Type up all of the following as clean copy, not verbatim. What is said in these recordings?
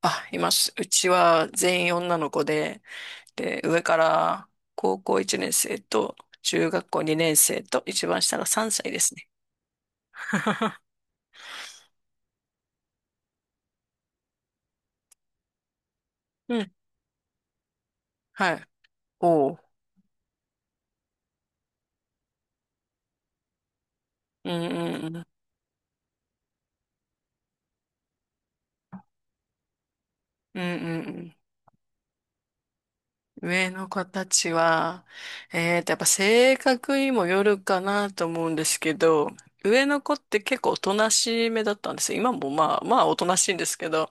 あ、います。うちは全員女の子で、上から高校1年生と中学校2年生と一番下が3歳ですね。うん。はい。おう。うんうんうん。うんうんうん。上の子たちは、やっぱ性格にもよるかなと思うんですけど、上の子って結構おとなしめだったんですよ。今もまあまあおとなしいんですけど、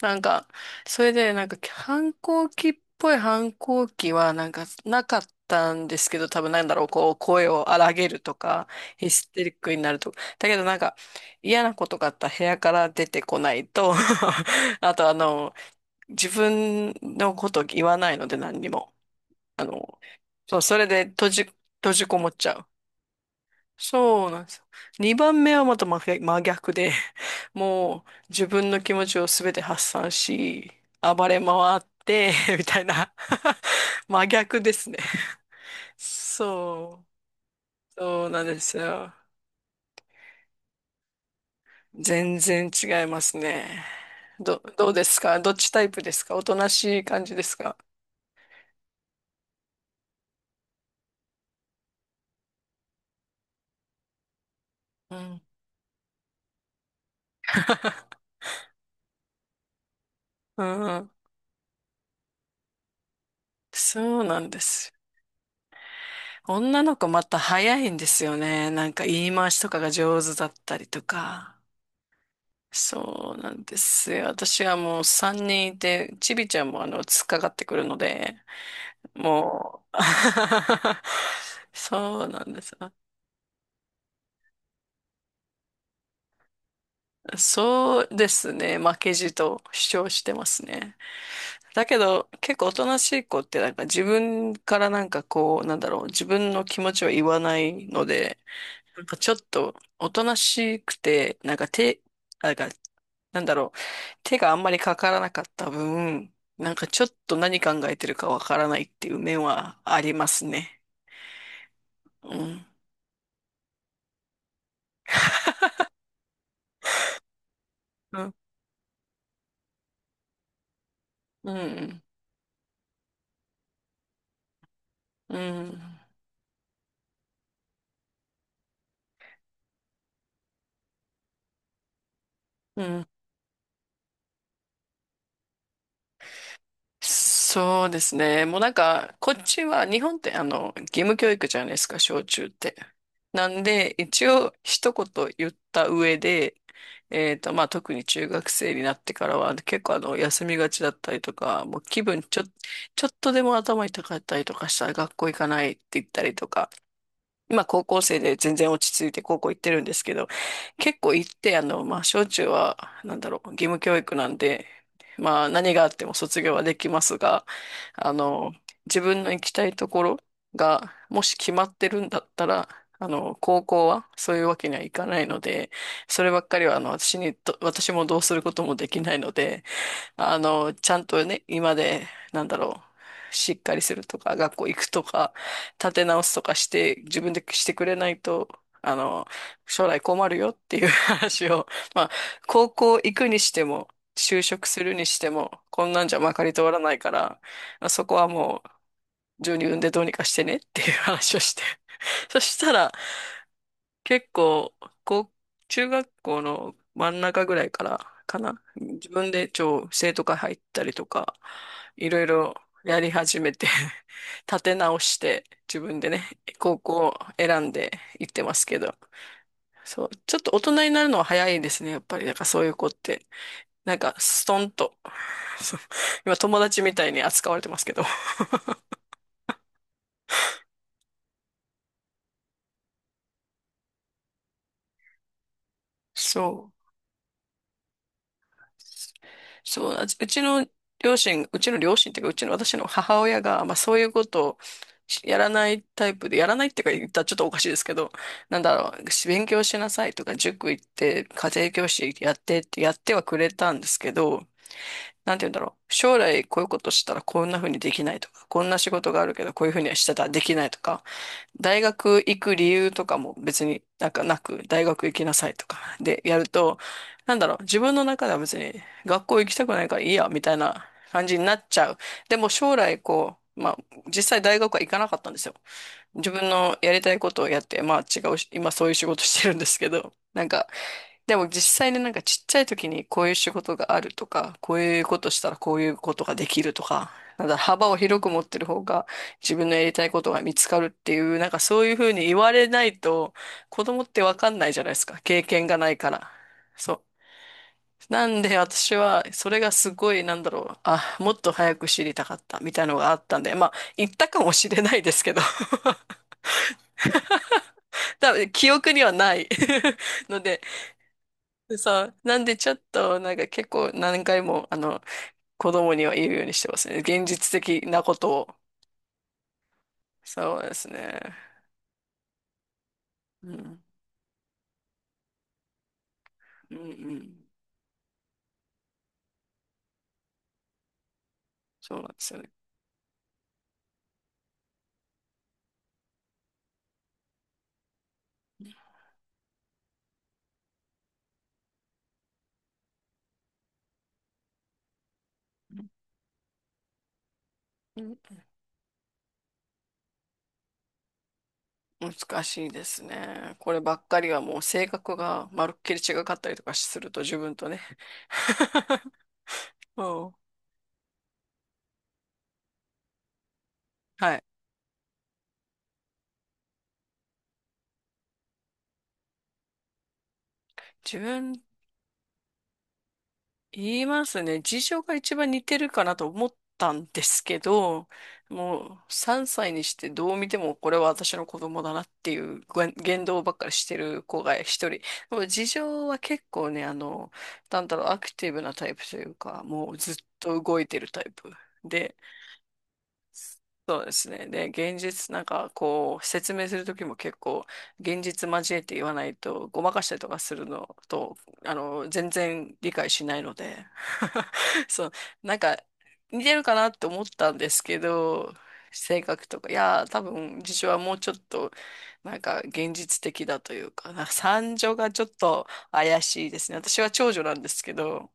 なんか、それで、なんか、反抗期っぽい反抗期は、なんか、なかったんですけど、多分なんだろう、こう、声を荒げるとか、ヒステリックになるとか。だけど、なんか、嫌なことがあったら部屋から出てこないと。 あと、あの、自分のこと言わないので、何にも。あの、そう、それで閉じこもっちゃう。そうなんですよ。2番目はまた真逆真逆で、もう自分の気持ちをすべて発散し、暴れ回って、みたいな。 真逆ですね。そう、そうなんですよ。全然違いますね。どうですか？どっちタイプですか？おとなしい感じですか？うん。うん。そうなんです。女の子また早いんですよね。なんか言い回しとかが上手だったりとか。そうなんですよ。私はもう3人いて、ちびちゃんもあの、突っかかってくるので、もう。そうなんです。そうですね。負けじと主張してますね。だけど、結構おとなしい子ってなんか自分からなんかこう、なんだろう、自分の気持ちは言わないので、なんかちょっとおとなしくて、なんか手、なんか、なんだろう、手があんまりかからなかった分、なんかちょっと何考えてるかわからないっていう面はありますね。うん。うん。うん。うん。うん。そうですね。もうなんか、こっちは、日本ってあの、義務教育じゃないですか、小中って。なんで、一応、一言言った上で、まあ、特に中学生になってからは、結構あの、休みがちだったりとか、もう気分ちょ、ちょっとでも頭痛かったりとかしたら学校行かないって言ったりとか、今高校生で全然落ち着いて高校行ってるんですけど、結構行って、あの、まあ、小中は、なんだろう、義務教育なんで、まあ、何があっても卒業はできますが、あの、自分の行きたいところが、もし決まってるんだったら、あの、高校はそういうわけにはいかないので、そればっかりは、あの、私にと、私もどうすることもできないので、あの、ちゃんとね、今で、なんだろう、しっかりするとか、学校行くとか、立て直すとかして、自分でしてくれないと、あの、将来困るよっていう 話を、まあ、高校行くにしても、就職するにしても、こんなんじゃまかり通らないから、そこはもう、自分で産んでどうにかしてねっていう話をして。そしたら、結構、こう、中学校の真ん中ぐらいからかな。自分で超生徒会入ったりとか、いろいろやり始めて 立て直して、自分でね、高校を選んで行ってますけど。そう、ちょっと大人になるのは早いですね、やっぱり。なんかそういう子って。なんか、ストンと。そう、今友達みたいに扱われてますけど。そう。そうなんです。うちの両親、うちの両親っていうか、うちの私の母親が、まあそういうことをやらないタイプで、やらないっていうか言ったらちょっとおかしいですけど、なんだろう、勉強しなさいとか、塾行って、家庭教師やってってやってはくれたんですけど、なんて言うんだろう、将来こういうことしたらこんな風にできないとか、こんな仕事があるけどこういう風にはしてたらできないとか、大学行く理由とかも別になんかなく、大学行きなさいとかでやると、なんだろう、自分の中では別に学校行きたくないからいいや、みたいな感じになっちゃう。でも将来こう、まあ実際大学は行かなかったんですよ。自分のやりたいことをやって、まあ違うし、今そういう仕事してるんですけど、なんかでも実際になんかちっちゃい時にこういう仕事があるとか、こういうことしたらこういうことができるとか、なんだ、幅を広く持ってる方が自分のやりたいことが見つかるっていう、なんかそういうふうに言われないと子供ってわかんないじゃないですか。経験がないから。そう。なんで私はそれがすごいなんだろう。あ、もっと早く知りたかったみたいなのがあったんで、まあ言ったかもしれないですけど、多分記憶にはない ので、でさ、なんでちょっと、なんか結構何回も、あの、子供には言うようにしてますね。現実的なことを。そうですね。うん。うんうん。そうなんですよね。うん難しいですね。こればっかりはもう性格がまるっきり違かったりとかすると自分とね。もう、はい。自分言いますね。事情が一番似てるかなと思ったんですけど、もう3歳にしてどう見てもこれは私の子供だなっていうご言動ばっかりしてる子が一人。もう事情は結構ね、あの、なんだろう、アクティブなタイプというか、もうずっと動いてるタイプで、そうですね。で、現実、なんかこう、説明するときも結構、現実交えて言わないと、ごまかしたりとかするのと、あの、全然理解しないので、そう、なんか、似てるかなって思ったんですけど、性格とか、いやー、多分、事情はもうちょっと、なんか、現実的だというか、なんか、三女がちょっと怪しいですね。私は長女なんですけど、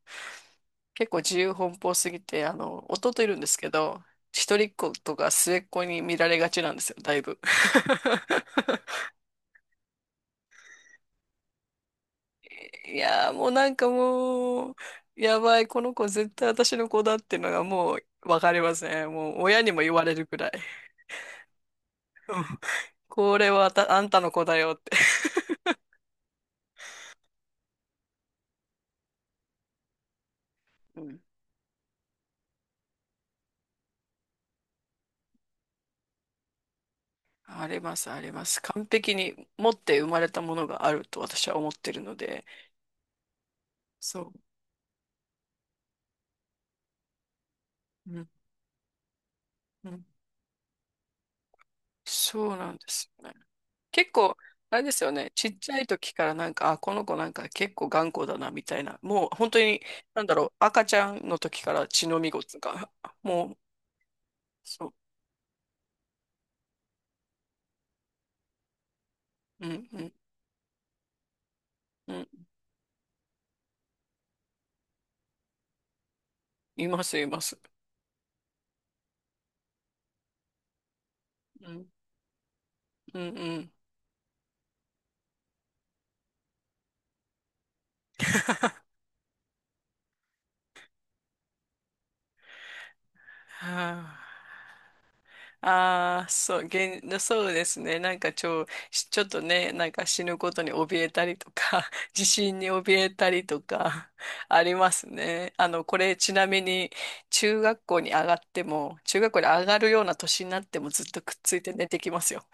結構自由奔放すぎて、あの、弟いるんですけど、一人っ子とか末っ子に見られがちなんですよ、だいぶ。いやー、もうなんかもう、やばい、この子絶対私の子だっていうのがもうわかりますね。もう親にも言われるくらい。これはあんたの子だよって。うんあります、あります。完璧に持って生まれたものがあると私は思ってるので。そう。うん、うん。そうなんですよね。結構、あれですよね。ちっちゃい時からなんか、あ、この子なんか結構頑固だな、みたいな。もう本当に、なんだろう、赤ちゃんの時から血のみごつが、もう、そう、うん、うん、うん、います、います。うん、うん、うん。はあ、ああ、そう、そうですね。なんかちょっとね、なんか死ぬことに怯えたりとか、地震に怯えたりとか、 ありますね。あの、これちなみに、中学校に上がっても、中学校に上がるような年になってもずっとくっついて寝てきますよ。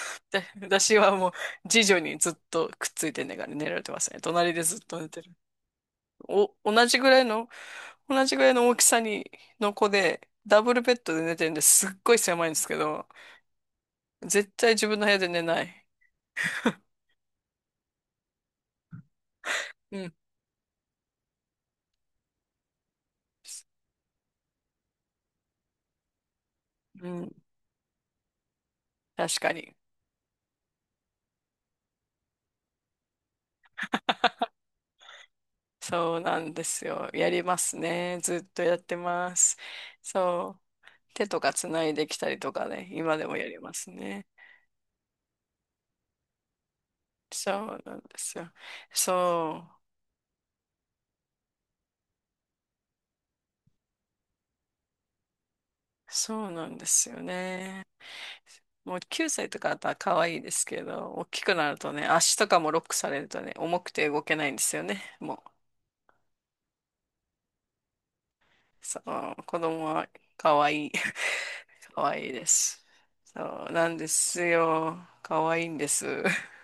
で、私はもう、次女にずっとくっついて寝られてますね。隣でずっと寝てる。お、同じぐらいの大きさに、の子で、ダブルベッドで寝てるんですっごい狭いんですけど、絶対自分の部屋で寝ない。うん。うん。確かに。そうなんですよ。やりますね。ずっとやってます。そう。手とかつないできたりとかね。今でもやりますね。そうなんですよ。そう。そうなんですよね。もう9歳とかだったら可愛いですけど、大きくなるとね、足とかもロックされるとね、重くて動けないんですよね。もうそう、子供は可愛い。可愛いです。そうなんですよ。可愛いんです。